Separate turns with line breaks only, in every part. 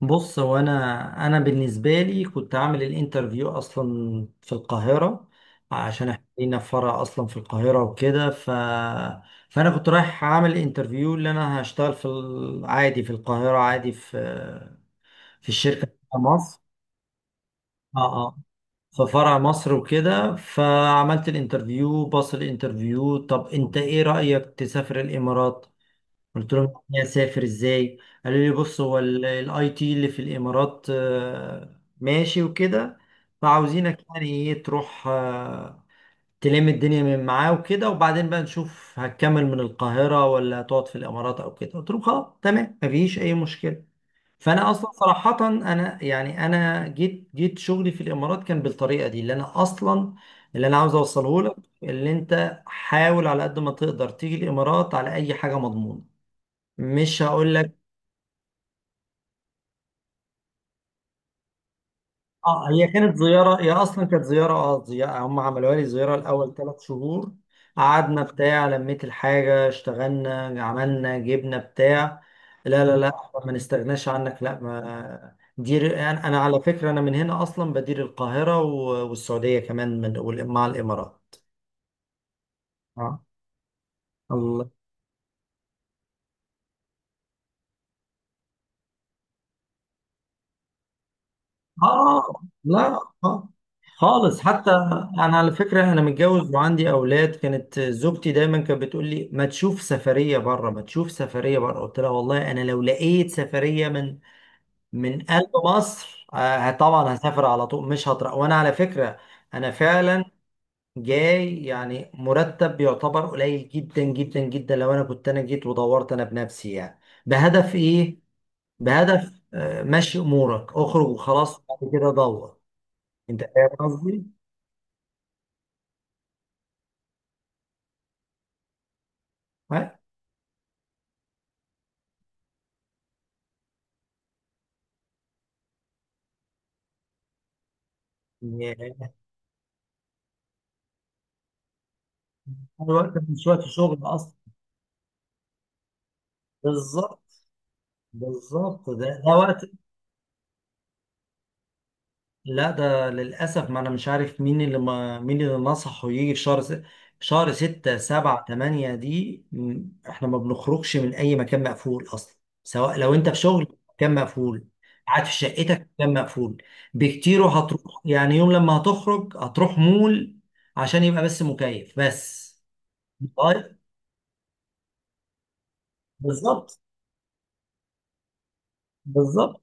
بص، هو انا بالنسبه لي كنت عامل الانترفيو اصلا في القاهره، عشان احنا لينا فرع اصلا في القاهره وكده. فانا كنت رايح عامل انترفيو اللي انا هشتغل عادي في القاهره، عادي في الشركه بتاع مصر. اه اه في فرع مصر وكده، فعملت الانترفيو، باص الانترفيو: طب انت ايه رايك تسافر الامارات؟ قلت لهم يعني اسافر ازاي؟ قالوا لي بص، هو الاي تي اللي في الامارات ماشي وكده، فعاوزينك يعني ايه تروح تلم الدنيا من معاه وكده، وبعدين بقى نشوف هتكمل من القاهرة ولا هتقعد في الامارات او كده. قلت لهم خلاص، تمام، مفيش اي مشكلة. فانا اصلا صراحة، انا يعني انا جيت شغلي في الامارات كان بالطريقة دي اللي انا اصلا، اللي انا عاوز اوصله لك، اللي انت حاول على قد ما تقدر تيجي الامارات على اي حاجة مضمونة، مش هقول لك. اه هي كانت زياره، هي اصلا كانت زياره، زياره هم عملوها لي، زياره الاول 3 شهور. قعدنا بتاع لميت الحاجه، اشتغلنا، عملنا، جبنا بتاع. لا لا لا، إحنا ما نستغناش عنك، لا، ما دير، أنا على فكره انا من هنا اصلا بدير القاهره والسعوديه كمان، مع الامارات. اه. الله. اه. لا. آه، خالص حتى. انا على فكره انا متجوز وعندي اولاد، كانت زوجتي دايما كانت بتقول لي ما تشوف سفريه بره، ما تشوف سفريه بره. قلت لها والله انا لو لقيت سفريه من قلب مصر، آه طبعا هسافر على طول مش هطرق. وانا على فكره انا فعلا جاي يعني مرتب يعتبر قليل جدا جدا جدا، لو انا كنت انا جيت ودورت انا بنفسي يعني بهدف ايه؟ بهدف مشي امورك، اخرج وخلاص، بعد كده دور. انت فاهم قصدي؟ ها؟ يعني الوقت مش وقت شغل اصلا. بالظبط، بالظبط. ده وقت، لا، ده للاسف. ما انا مش عارف مين اللي ما مين اللي نصحه يجي في شهر 6 7 8 دي احنا ما بنخرجش من اي مكان مقفول اصلا، سواء لو انت في شغل مكان مقفول، قاعد في شقتك مكان مقفول بكتير. هتروح يعني يوم لما هتخرج هتروح مول عشان يبقى بس مكيف بس. طيب، بالظبط، بالظبط.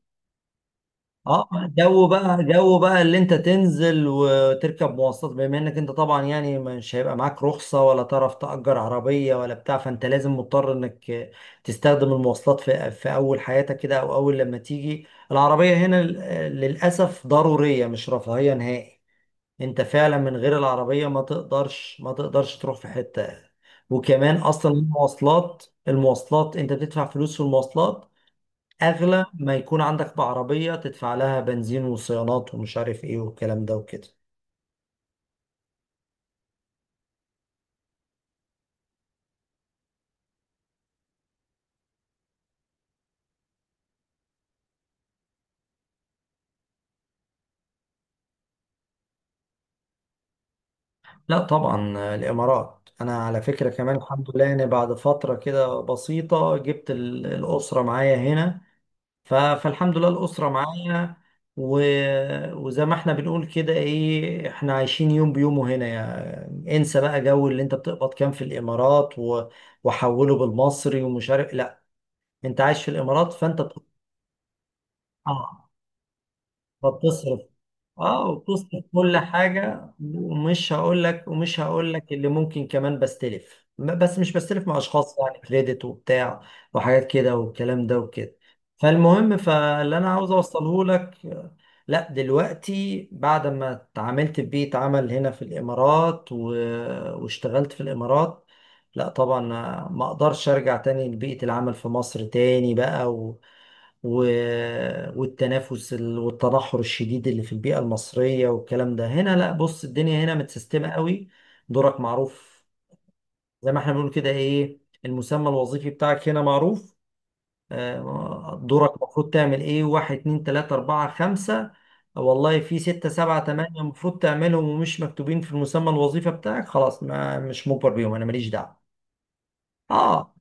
اه جو بقى اللي انت تنزل وتركب مواصلات، بما انك انت طبعا يعني مش هيبقى معاك رخصة ولا تعرف تأجر عربية ولا بتاع، فانت لازم مضطر انك تستخدم المواصلات في اول حياتك كده او اول لما تيجي. العربية هنا للأسف ضرورية، مش رفاهية نهائي. انت فعلا من غير العربية ما تقدرش تروح في حتة. وكمان اصلا المواصلات انت بتدفع فلوس في المواصلات اغلى ما يكون. عندك بعربية تدفع لها بنزين وصيانات ومش عارف ايه والكلام ده وكده. لا طبعا، الامارات. انا على فكرة كمان الحمد لله، يعني بعد فترة كده بسيطة جبت الاسرة معايا هنا، فالحمد لله الاسرة معايا و... وزي ما احنا بنقول كده ايه، احنا عايشين يوم بيومه هنا. يعني انسى بقى جو اللي انت بتقبض كام في الامارات وحوله بالمصري ومش عارف. لا، انت عايش في الامارات، فانت بت- اه فبتصرف. اه وبتذكر كل حاجة، ومش هقول لك اللي ممكن كمان بستلف، بس مش بستلف مع اشخاص، يعني كريدت وبتاع وحاجات كده والكلام ده وكده. فالمهم، فاللي انا عاوز اوصله لك، لا، دلوقتي بعد ما اتعاملت في بيئة عمل هنا في الامارات واشتغلت في الامارات، لا طبعا ما اقدرش ارجع تاني لبيئة العمل في مصر تاني بقى، و... والتنافس والتدحر الشديد اللي في البيئة المصرية والكلام ده. هنا، لا، بص، الدنيا هنا متسيستمة قوي، دورك معروف، زي ما احنا بنقول كده ايه، المسمى الوظيفي بتاعك هنا معروف. دورك المفروض تعمل ايه؟ واحد، اتنين، تلاتة، اربعة، خمسة، والله في ستة، سبعة، تمانية المفروض تعملهم ومش مكتوبين في المسمى الوظيفي بتاعك. خلاص، ما مش مجبر بيهم، انا ماليش دعوة. اه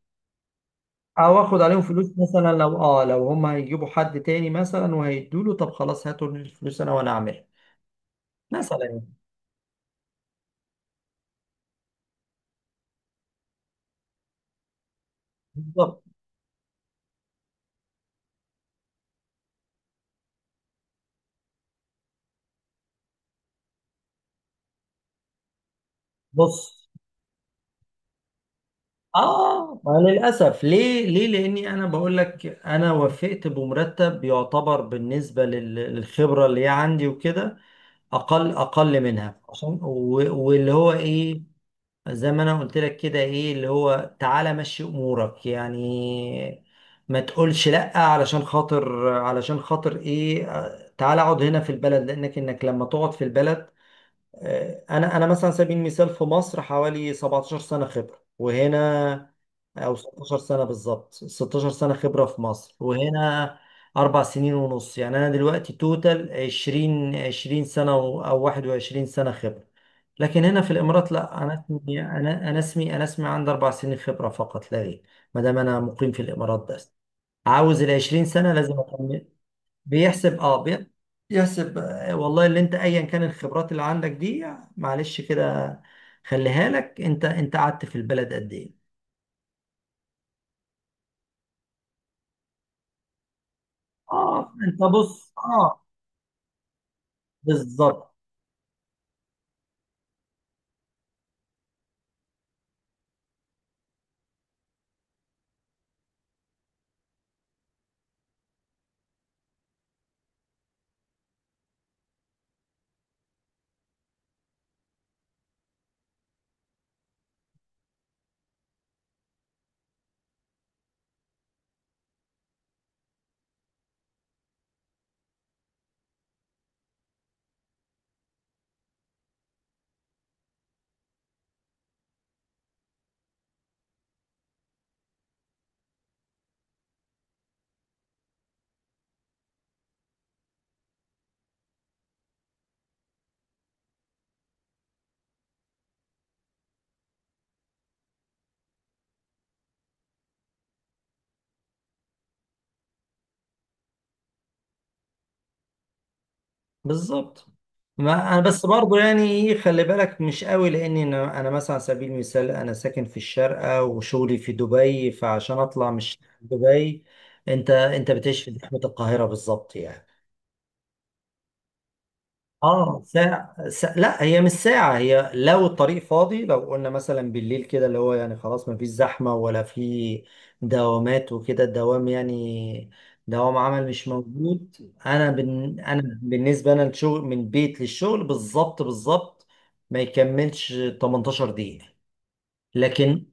او اخد عليهم فلوس، مثلا لو لو هم هيجيبوا حد تاني مثلا وهيدوا له، طب خلاص، هاتوا الفلوس انا وانا اعملها. مثلا يعني، بالظبط. بص، اه ما للاسف، ليه، ليه لاني انا بقول لك انا وافقت بمرتب يعتبر بالنسبه للخبره اللي هي عندي وكده، اقل منها عشان واللي هو ايه. زي ما انا قلت لك كده ايه، اللي هو تعالى مشي امورك يعني، ما تقولش لا. علشان خاطر ايه، تعالى اقعد هنا في البلد، لانك انك لما تقعد في البلد، انا مثلا على سبيل المثال في مصر حوالي 17 سنه خبره، وهنا، او 16 سنه، بالظبط 16 سنه خبره في مصر، وهنا 4 سنين ونص. يعني انا دلوقتي توتال 20 سنه، او 21 سنه خبره. لكن هنا في الامارات، لا، انا اسمي، انا انا اسمي انا اسمي عندي 4 سنين خبره فقط لا غير. ما دام انا مقيم في الامارات بس، عاوز ال 20 سنه لازم أكمل. بيحسب اه بي- بيحسب والله اللي انت ايا كان الخبرات اللي عندك دي، معلش كده، خليها لك. انت قعدت في البلد قد ايه؟ اه انت بص، بالظبط، بالظبط. ما انا بس برضو يعني ايه، خلي بالك مش قوي، لاني انا مثلا على سبيل المثال انا ساكن في الشارقة وشغلي في دبي، فعشان اطلع مش دبي. انت بتعيش في زحمة القاهرة بالظبط يعني. لا، هي مش ساعة. هي لو الطريق فاضي، لو قلنا مثلا بالليل كده اللي هو يعني خلاص ما فيش زحمة ولا في دوامات وكده، الدوام يعني دوام عمل مش موجود، انا انا بالنسبة انا الشغل من بيت للشغل، بالظبط بالظبط ما يكملش 18 دقيقة. لكن،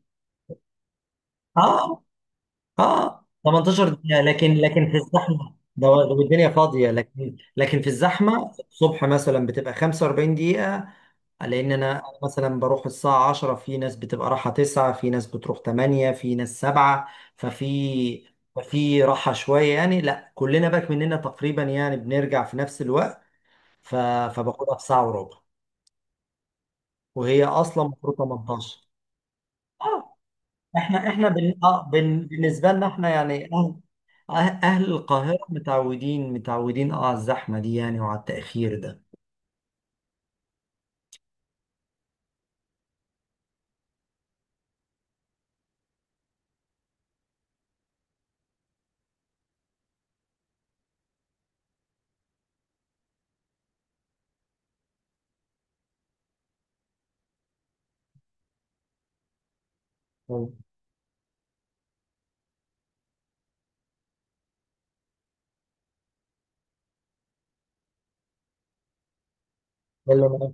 اه اه 18 دقيقة، لكن في الزحمة والدنيا فاضية، لكن في الزحمة الصبح مثلا بتبقى 45 دقيقة، لان أنا مثلا بروح الساعه 10، في ناس بتبقى رايحه 9، في ناس بتروح 8، في ناس 7. ففي ففي راحه شويه يعني، لا كلنا باك مننا تقريبا يعني بنرجع في نفس الوقت، ف... فباخدها في ساعه وربع، وهي اصلا المفروض 18. اه احنا، بالنسبه لنا احنا يعني اهل، أهل القاهره متعودين على الزحمه دي يعني، وعلى التاخير ده. يلا، يلا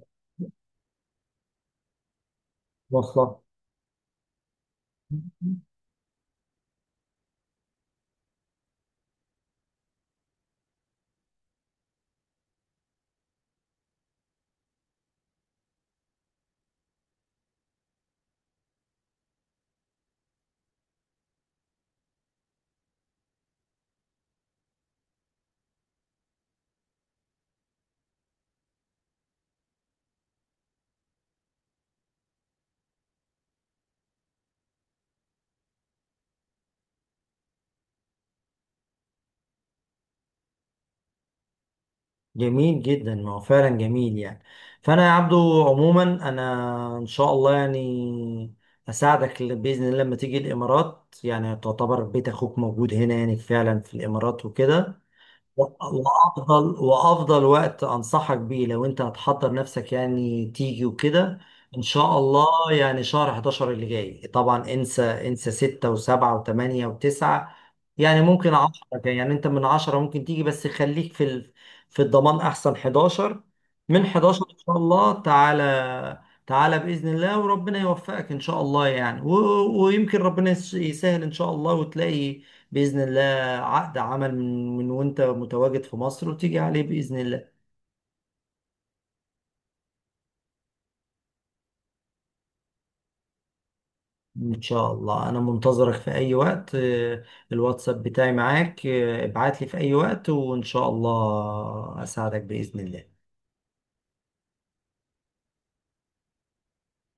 مواصلات. جميل جدا، ما هو فعلا جميل يعني. فانا يا عبدو، عموما انا ان شاء الله يعني اساعدك، باذن الله لما تيجي الامارات، يعني تعتبر بيت اخوك موجود هنا يعني فعلا في الامارات وكده. وافضل وقت انصحك بيه لو انت هتحضر نفسك يعني تيجي وكده ان شاء الله، يعني شهر 11 اللي جاي. طبعا انسى، انسى 6 و7 و8 و9، يعني ممكن 10. يعني انت من 10 ممكن تيجي، بس خليك في الضمان، احسن 11، من 11 ان شاء الله تعالى. تعالى باذن الله، وربنا يوفقك ان شاء الله يعني، ويمكن ربنا يسهل ان شاء الله وتلاقي باذن الله عقد عمل من وانت متواجد في مصر وتيجي عليه بإذن الله. ان شاء الله انا منتظرك في اي وقت. الواتساب بتاعي معاك، ابعت لي في اي وقت، وان شاء الله اساعدك بإذن الله.